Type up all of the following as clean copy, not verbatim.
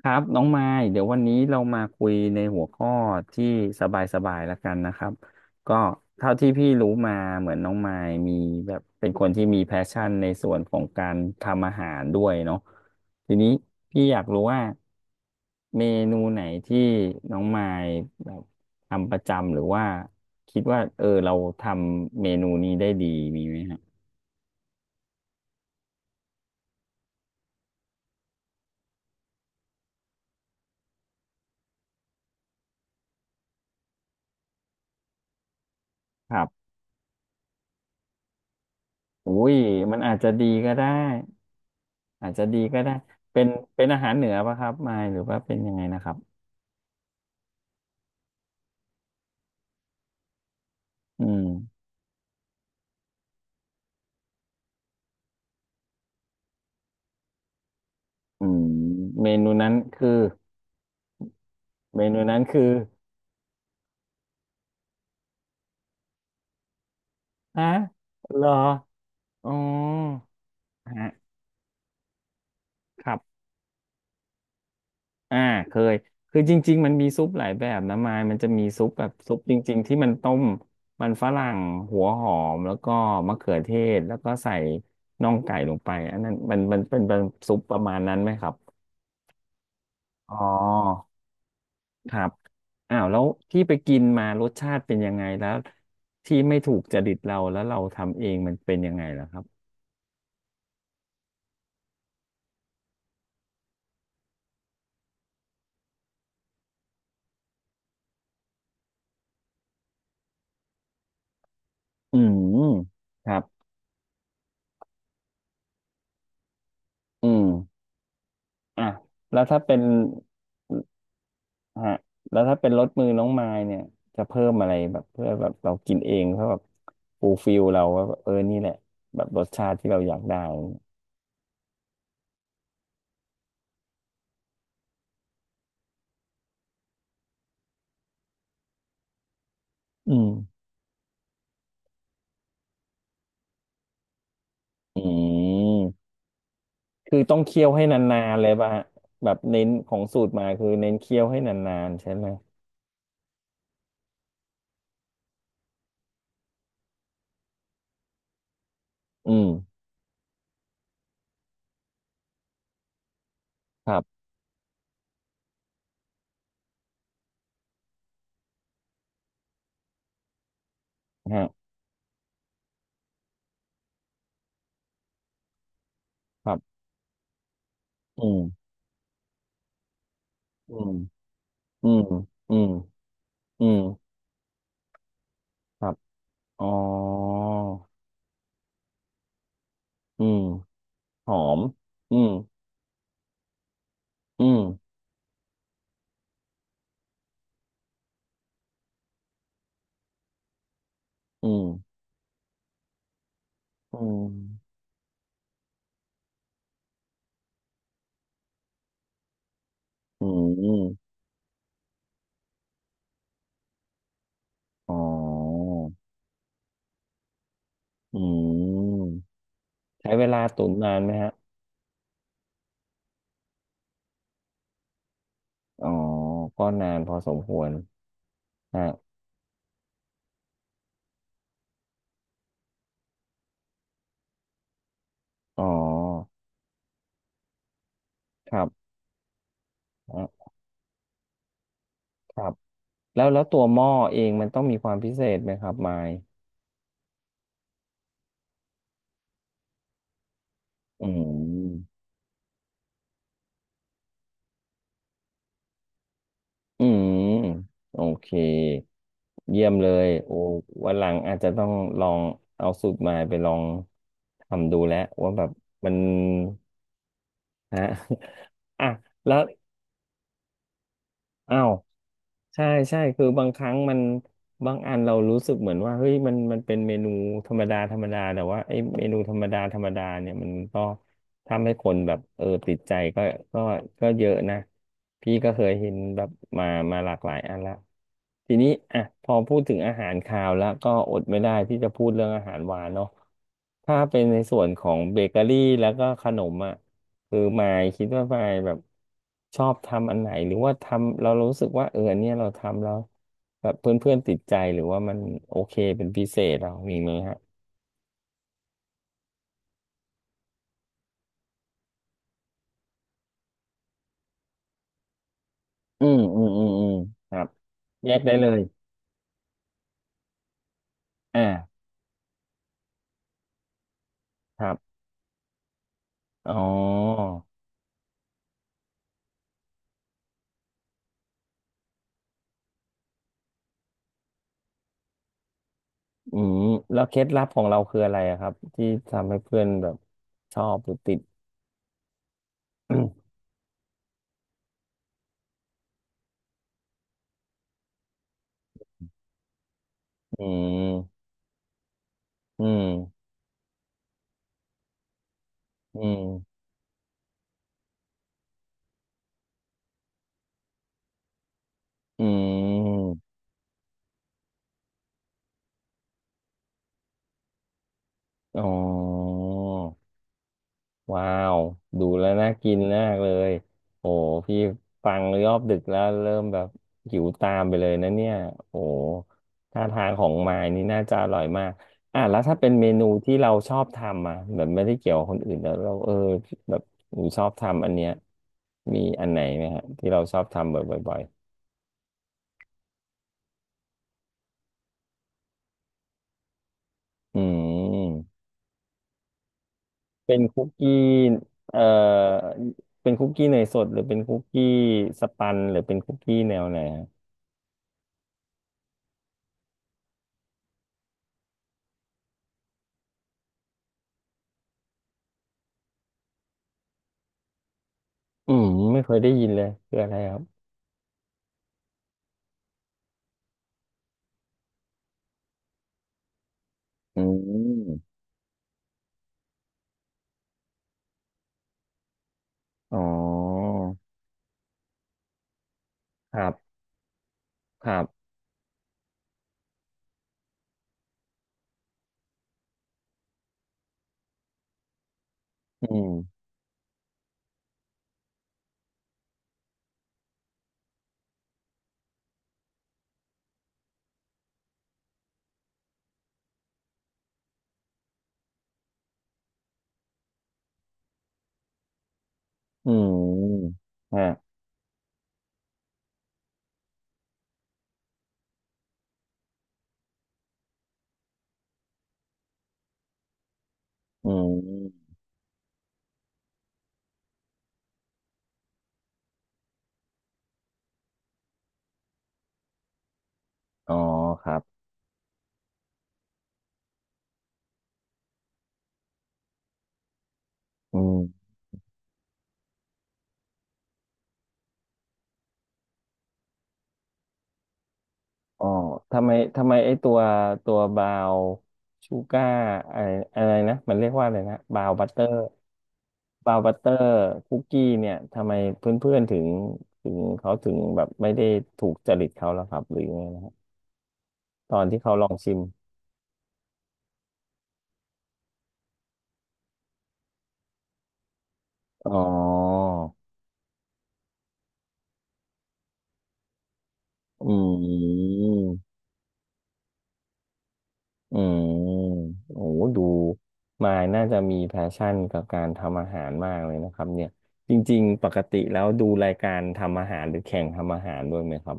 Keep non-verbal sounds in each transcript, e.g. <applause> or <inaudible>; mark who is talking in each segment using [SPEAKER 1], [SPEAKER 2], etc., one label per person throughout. [SPEAKER 1] ครับน้องมายเดี๋ยววันนี้เรามาคุยในหัวข้อที่สบายๆแล้วกันนะครับก็เท่าที่พี่รู้มาเหมือนน้องมายมีแบบเป็นคนที่มีแพชชั่นในส่วนของการทำอาหารด้วยเนาะทีนี้พี่อยากรู้ว่าเมนูไหนที่น้องมายแบบทำประจำหรือว่าคิดว่าเออเราทำเมนูนี้ได้ดีมีไหมฮะครับอุ้ยมันอาจจะดีก็ได้ อาจจะดีก็ได้ เป็นเป็นอาหารเหนือปะครับมายหรือว่าเป็นยังไงนะครับอืมอืมเมนูนั้นคือเมนูนั้นคือฮะเหรออ๋อฮะครับอ่าเคยคือจริงๆมันมีซุปหลายแบบนะมายมันจะมีซุปแบบซุปจริงๆที่มันต้มมันฝรั่งหัวหอมแล้วก็มะเขือเทศ แล้วก็ใส่น่องไก่ลงไปอันนั้นมันเป็นซุปประมาณนั้นไหมครับอ๋อ ครับอ้าวแล้วที่ไปกินมารสชาติเป็นยังไงแล้วที่ไม่ถูกจริตเราแล้วเราทำเองมันเป็นยังไงล่ะครับอืมครับอืมอ่ะแล้วถ้าเป็นฮะแล้วถ้าเป็นรสมือน้องมายเนี่ยจะเพิ่มอะไรแบบเพื่อแบบเรากินเองเพื่อแบบฟูลฟิลเราว่าแบบเออนี่แหละแบบรสชาติที่เราอยากได้อืมอืมคือต้องเคี่ยวให้นานๆเลยป่ะฮะแบบเน้นของสูตรมาคือเน้นเคี่ยวให้นานๆใช่ไหมอืมครับ ฮะครับ อืมอืมอืมอืมอืมครับอ๋ออืมหอมอืมอืมอืมอืมอืมอ๋ออืมใช้เวลาตุ๋นนานไหมฮะอ๋อก็นานพอสมควรฮะอ๋อครับอ่ะครับ แล้วแล้วตัวหม้อเองมันต้องมีความพิเศษไหมครับไมค์อืม อืมโอเคเยี่ยมเลยโอ้วันหลังอาจจะต้องลองเอาสูตรมาไปลองทำดูแล้วว่าแบบมันฮะ <laughs> อ่ะแล้ว อ้าวใช่ใช่คือบางครั้งมันบางอันเรารู้สึกเหมือนว่าเฮ้ยมันมันเป็นเมนูธรรมดาธรรมดาแต่ว่าไอ้เมนูธรรมดาธรรมดาเนี่ยมันก็ทำให้คนแบบเออติดใจก็ก็เยอะนะพี่ก็เคยเห็นแบบมามาหลากหลายอันละทีนี้อ่ะพอพูดถึงอาหารคาวแล้วก็อดไม่ได้ที่จะพูดเรื่องอาหารหวานเนาะถ้าเป็นในส่วนของเบเกอรี่แล้วก็ขนมอ่ะ คือหมายคิดว่าหมายแบบชอบทำอันไหนหรือว่าทำเรารู้สึกว่าเอออันเนี้ยเราทำแล้วแบบเพื่อนๆติดใจหรือว่ามันโอเคเป็นพิเศษเรามีไหมฮะอืมอืมอืมอืมครับแยกได้เลยอ่าครับอ๋ออืมแล้วเคล็ดลับของเราคืออะไรอะครับที่ทำให้เพื่อนแบบชอบหรือติดอืมอืมอืมอืมอ๋อ ว้าวดูแล้วน่ากินมากเลยโอ้พี่ฟังรอบดึกแล้วเริ่มแบบหิวตามไปเลยนะเนี่ยโอ้ท่าทางของมายนี่น่าจะอร่อยมากอ่ะแล้วถ้าเป็นเมนูที่เราชอบทำอ่ะแบบไม่ได้เกี่ยวกับคนอื่นแล้วเราเออแบบหนูชอบทำอันเนี้ยมีอันไหนไหมฮะที่เราชอบทำบ่อยๆอืมเป็นคุกกี้เอ่อเป็นคุกกี้เนยสดหรือเป็นคุกกี้สปันหรือเป็นคุกกี้แนวไหน อืมไม่เคยได้ยินเลยคืออะไรครับอืมอ๋อครับครับอืมอืมฮะอืมอ๋อครับอืมอ๋อทำไมทำไมไอ้ตัวตัวบราวชูก้าอะไรอะไรนะมันเรียกว่าอะไรนะบราวบัตเตอร์บราวน์บัตเตอร์คุกกี้เนี่ยทำไมเพื่อนๆถึงเขาถึงแบบไม่ได้ถูกจริตเขาแล้วครับหรือยังไงนะครับตอนที่เขาลองชิมอ๋อ อืมอืมโอ้โหดูมายน่าจะมีแพชชั่นกับการทำอาหารมากเลยนะครับเนี่ยจริงๆปกติแล้วดูรายการทำอาหารหรือแข่งทำอาหารด้วยไหมครับ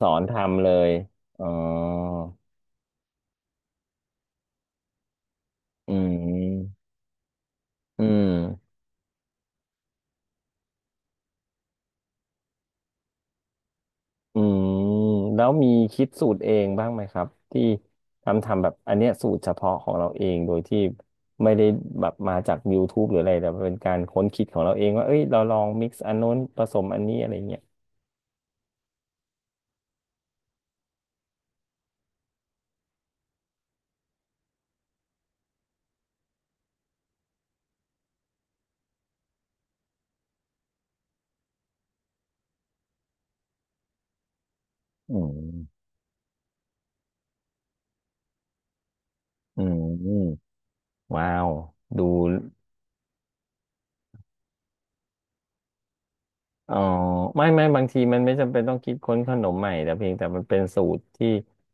[SPEAKER 1] สอนทำเลยอ๋ออืมอืม อืมแล้วมีคิดสูตรเองบ้างไหมครับที่ทำแบบอันเนี้ยสูตรเฉพาะของเราเองโดยที่ไม่ได้แบบมาจาก YouTube หรืออะไรแต่เป็นการค้นคิดของเราเองว่าเอ้ยเราลองมิกซ์อันนน้นผสมอันนี้อะไรเงี้ยอืมอืมว้าวดู อ๋อไม่ไม่บางทีมันไม่จำเป็นต้องคิดค้นขนมใหม่แต่เพียงแต่มันเป็นสูตรที่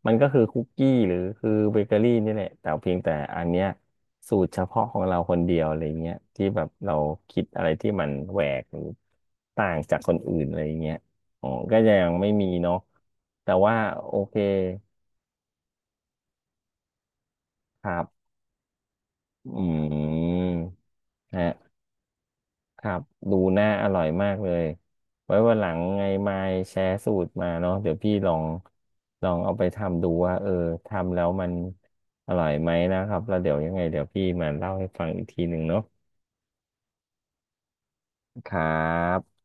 [SPEAKER 1] มันก็คือคุกกี้หรือคือเบเกอรี่นี่แหละแต่เพียงแต่อันเนี้ยสูตรเฉพาะของเราคนเดียวอะไรเงี้ยที่แบบเราคิดอะไรที่มันแหวกหรือต่างจากคนอื่นอะไรเงี้ยอ๋อก็จะยังไม่มีเนาะแต่ว่าโอเคครับอืมฮะ ครับดูน่าอร่อยมากเลยไว้วันหลังไงมายแชร์สูตรมาเนาะเดี๋ยวพี่ลองลองเอาไปทำดูว่าเออทำแล้วมันอร่อยไหมนะครับแล้วเดี๋ยวยังไงเดี๋ยวพี่มาเล่าให้ฟังอีกทีหนึ่งเนาะครับ